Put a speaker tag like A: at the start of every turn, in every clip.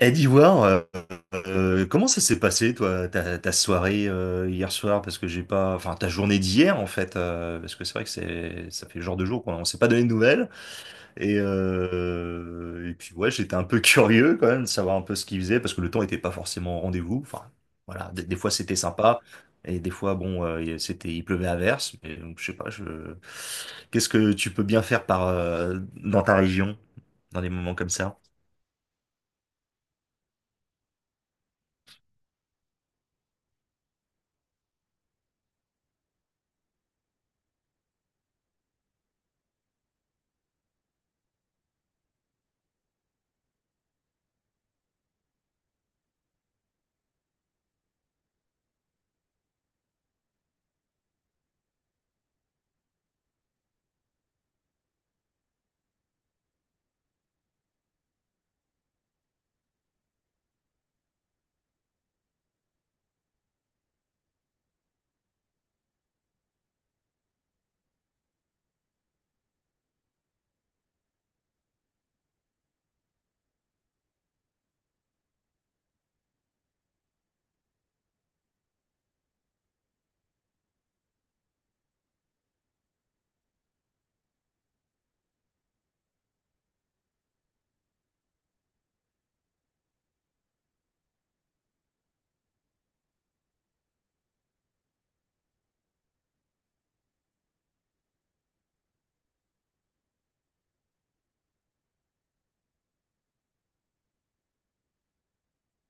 A: Eh, d'Ivoire, comment ça s'est passé, toi, ta soirée hier soir? Parce que j'ai pas, enfin, ta journée d'hier, en fait, parce que c'est vrai que c'est, ça fait le genre de jour qu'on s'est pas donné de nouvelles. Et puis ouais, j'étais un peu curieux quand même de savoir un peu ce qu'ils faisaient, parce que le temps était pas forcément au rendez-vous. Enfin, voilà, des fois c'était sympa, et des fois bon, c'était, il pleuvait à verse. Mais donc, je sais pas, qu'est-ce que tu peux bien faire par dans ta région dans des moments comme ça?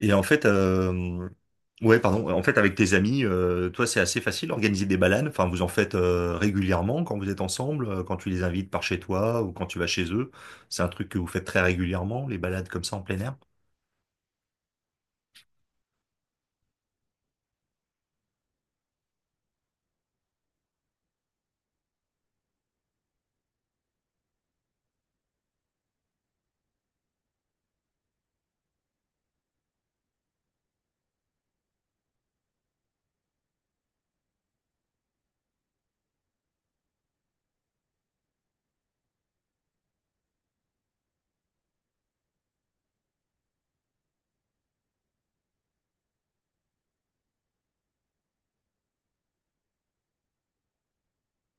A: Et en fait, ouais, pardon. En fait, avec tes amis, toi, c'est assez facile d'organiser des balades. Enfin, vous en faites régulièrement quand vous êtes ensemble, quand tu les invites par chez toi ou quand tu vas chez eux. C'est un truc que vous faites très régulièrement, les balades comme ça en plein air.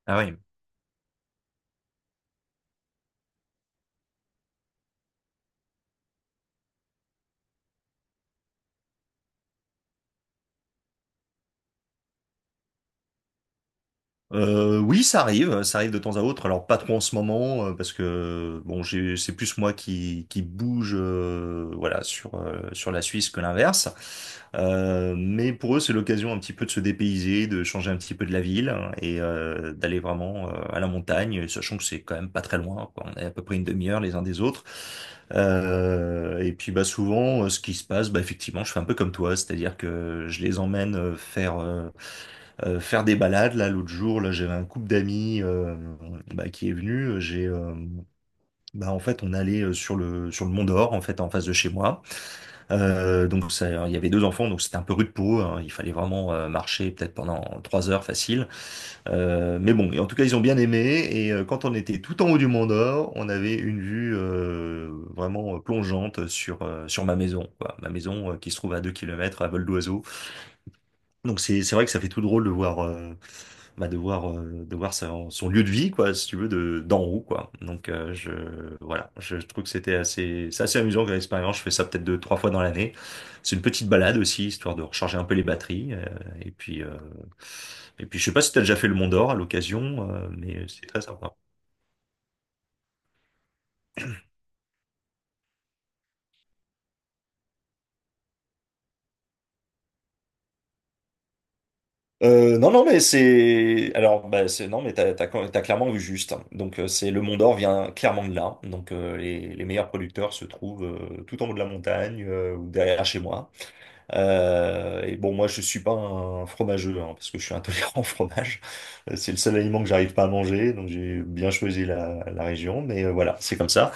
A: Ah oui. Oui, ça arrive de temps à autre. Alors pas trop en ce moment parce que bon, c'est plus moi qui bouge, voilà, sur la Suisse que l'inverse. Mais pour eux, c'est l'occasion un petit peu de se dépayser, de changer un petit peu de la ville hein, d'aller vraiment à la montagne, sachant que c'est quand même pas très loin, quoi. On est à peu près une demi-heure les uns des autres. Et puis bah souvent, ce qui se passe, bah effectivement, je fais un peu comme toi, c'est-à-dire que je les emmène faire des balades. Là, l'autre jour, là, j'avais un couple d'amis qui est venu. En fait, on allait sur le Mont d'Or, en fait, en face de chez moi. Donc, ça, il y avait deux enfants, donc c'était un peu rude peau, hein. Il fallait vraiment marcher peut-être pendant 3 heures facile. Mais bon, et en tout cas, ils ont bien aimé. Quand on était tout en haut du Mont d'Or, on avait une vue vraiment plongeante sur ma maison, quoi. Ma maison qui se trouve à 2 kilomètres à vol d'oiseau. Donc c'est vrai que ça fait tout drôle de voir bah, de voir son lieu de vie, quoi, si tu veux de d'en haut, quoi. Donc je Voilà, je trouve que c'est assez amusant comme expérience. Je fais ça peut-être deux trois fois dans l'année. C'est une petite balade aussi histoire de recharger un peu les batteries et puis euh, et puis je sais pas si tu as déjà fait le Mont d'Or à l'occasion mais c'est très sympa. Non, non, mais c'est. Alors, bah, non, mais t'as clairement vu juste, hein. Donc, c'est le Mont d'Or vient clairement de là. Donc, les meilleurs producteurs se trouvent tout en haut de la montagne ou derrière chez moi. Et bon, moi, je suis pas un fromageux hein, parce que je suis intolérant au fromage. C'est le seul aliment que j'arrive pas à manger. Donc, j'ai bien choisi la région. Voilà, c'est comme ça.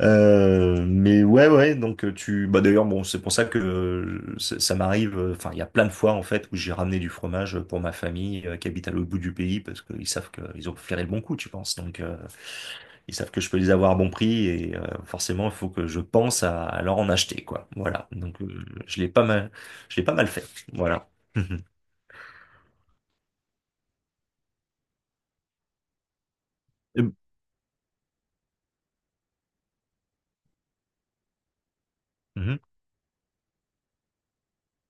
A: Mais ouais, ouais, Bah, d'ailleurs, bon, c'est pour ça que ça m'arrive, enfin, il y a plein de fois, en fait, où j'ai ramené du fromage pour ma famille qui habite à l'autre bout du pays, parce qu'ils savent qu'ils ont flairé le bon coup, tu penses. Donc, ils savent que je peux les avoir à bon prix, forcément, il faut que je pense à leur en acheter, quoi. Voilà, je l'ai pas mal fait, voilà. Mhm. Eh ben. Mhm.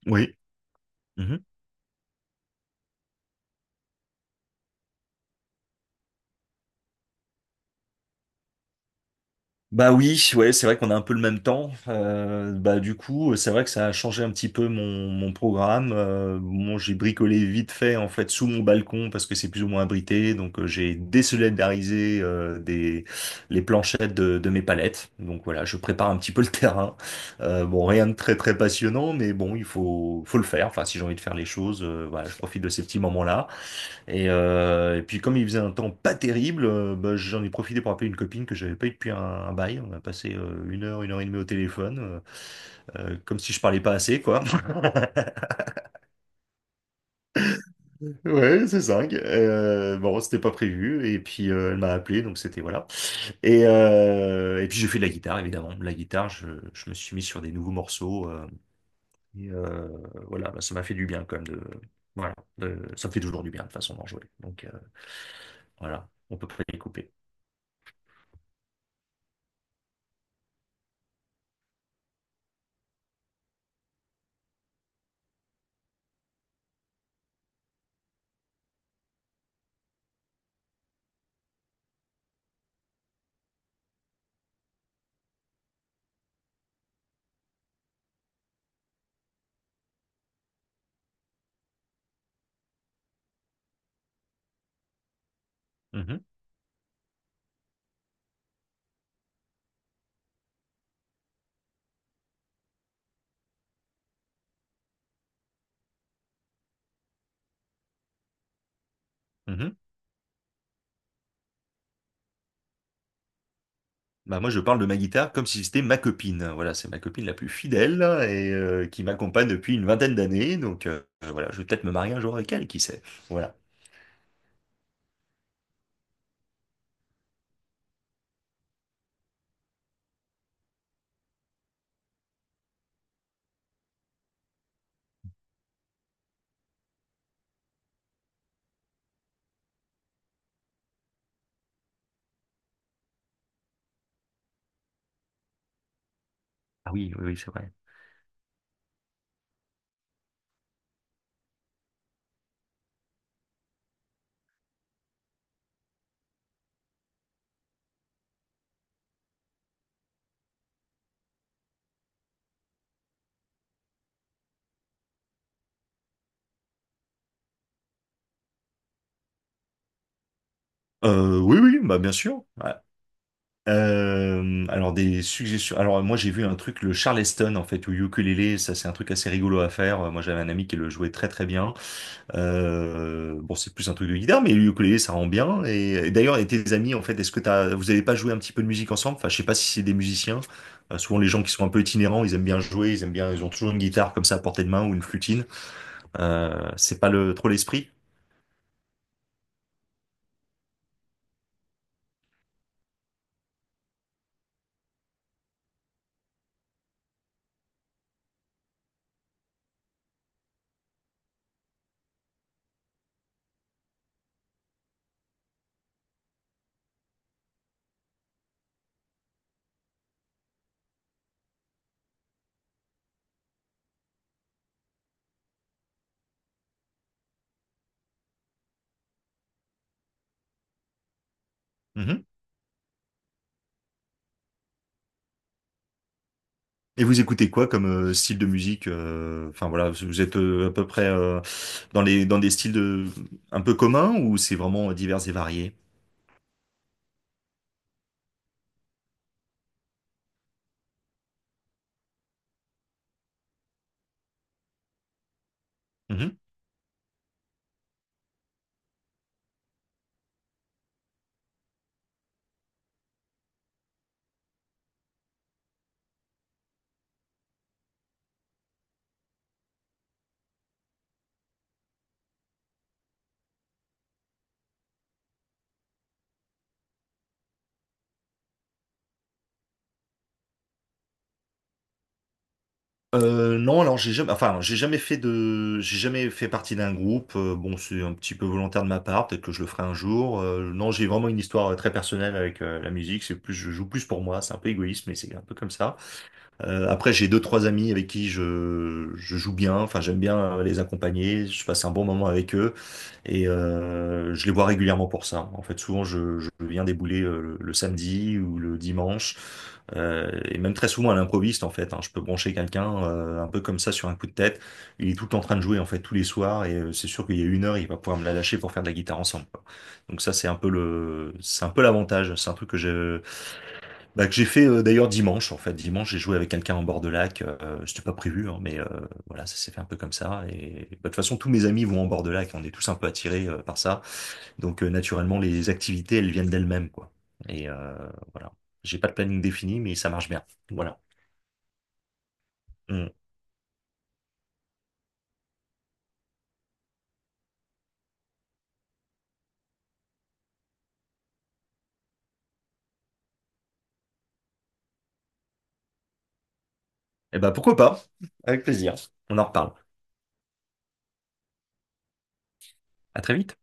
A: Oui. Bah oui, ouais, c'est vrai qu'on a un peu le même temps. Bah du coup, c'est vrai que ça a changé un petit peu mon programme. Bon, j'ai bricolé vite fait en fait sous mon balcon parce que c'est plus ou moins abrité. J'ai désolidarisé des les planchettes de mes palettes. Donc voilà, je prépare un petit peu le terrain. Bon, rien de très très passionnant, mais bon, il faut le faire. Enfin, si j'ai envie de faire les choses, voilà, je profite de ces petits moments-là. Et puis comme il faisait un temps pas terrible, bah, j'en ai profité pour appeler une copine que j'avais pas eu depuis un bail. On a passé une heure et demie au téléphone, comme si je parlais pas assez, quoi. Ouais, c'est dingue. Bon, c'était pas prévu. Et puis Elle m'a appelé, donc c'était voilà. Et puis j'ai fait de la guitare, évidemment. La guitare, je me suis mis sur des nouveaux morceaux. Et euh, voilà, bah, ça m'a fait du bien quand même de. Voilà, ça me fait toujours du bien de toute façon d'en jouer. Voilà, on peut pas les couper. Mhm, mhm. Bah moi, je parle de ma guitare comme si c'était ma copine. Voilà, c'est ma copine la plus fidèle et qui m'accompagne depuis une vingtaine d'années. Voilà, je vais peut-être me marier un jour avec elle, qui sait. Voilà. Ah oui, oui, oui, c'est vrai. Oui, oui, bah bien sûr. Voilà. Alors des suggestions. Alors moi j'ai vu un truc, le Charleston en fait, ou ukulélé, ça c'est un truc assez rigolo à faire. Moi j'avais un ami qui le jouait très très bien. Bon, c'est plus un truc de guitare, mais le ukulélé, ça rend bien. Et d'ailleurs, et tes amis, en fait, vous avez pas joué un petit peu de musique ensemble? Enfin, je sais pas si c'est des musiciens. Souvent, les gens qui sont un peu itinérants, ils aiment bien jouer, ils aiment bien, ils ont toujours une guitare comme ça à portée de main ou une flutine. C'est pas trop l'esprit. Mhm. Et vous écoutez quoi comme style de musique? Enfin voilà, vous êtes à peu près dans les dans des styles de un peu communs ou c'est vraiment divers et varié? Mhm. Non, alors j'ai jamais, enfin, j'ai jamais fait partie d'un groupe. Bon, c'est un petit peu volontaire de ma part. Peut-être que je le ferai un jour. Non, j'ai vraiment une histoire très personnelle avec la musique. C'est plus, je joue plus pour moi. C'est un peu égoïste, mais c'est un peu comme ça. Après, j'ai deux, trois amis avec qui je joue bien. Enfin, j'aime bien les accompagner. Je passe un bon moment avec eux et je les vois régulièrement pour ça. En fait, souvent, je viens débouler le samedi ou le dimanche et même très souvent à l'improviste, en fait, hein. Je peux brancher quelqu'un un peu comme ça sur un coup de tête. Il est tout le temps en train de jouer, en fait, tous les soirs et c'est sûr qu'il y a une heure, il va pouvoir me la lâcher pour faire de la guitare ensemble, quoi. Donc ça, c'est un peu l'avantage. C'est un truc que j'ai fait d'ailleurs dimanche en fait. Dimanche, j'ai joué avec quelqu'un en bord de lac. C'était pas prévu, hein, mais voilà, ça s'est fait un peu comme ça. Et bah, de toute façon, tous mes amis vont en bord de lac. On est tous un peu attirés par ça. Donc naturellement, les activités, elles viennent d'elles-mêmes, quoi. Et euh, voilà. J'ai pas de planning défini, mais ça marche bien. Voilà. Mm. Et bah pourquoi pas? Avec plaisir. On en reparle. À très vite.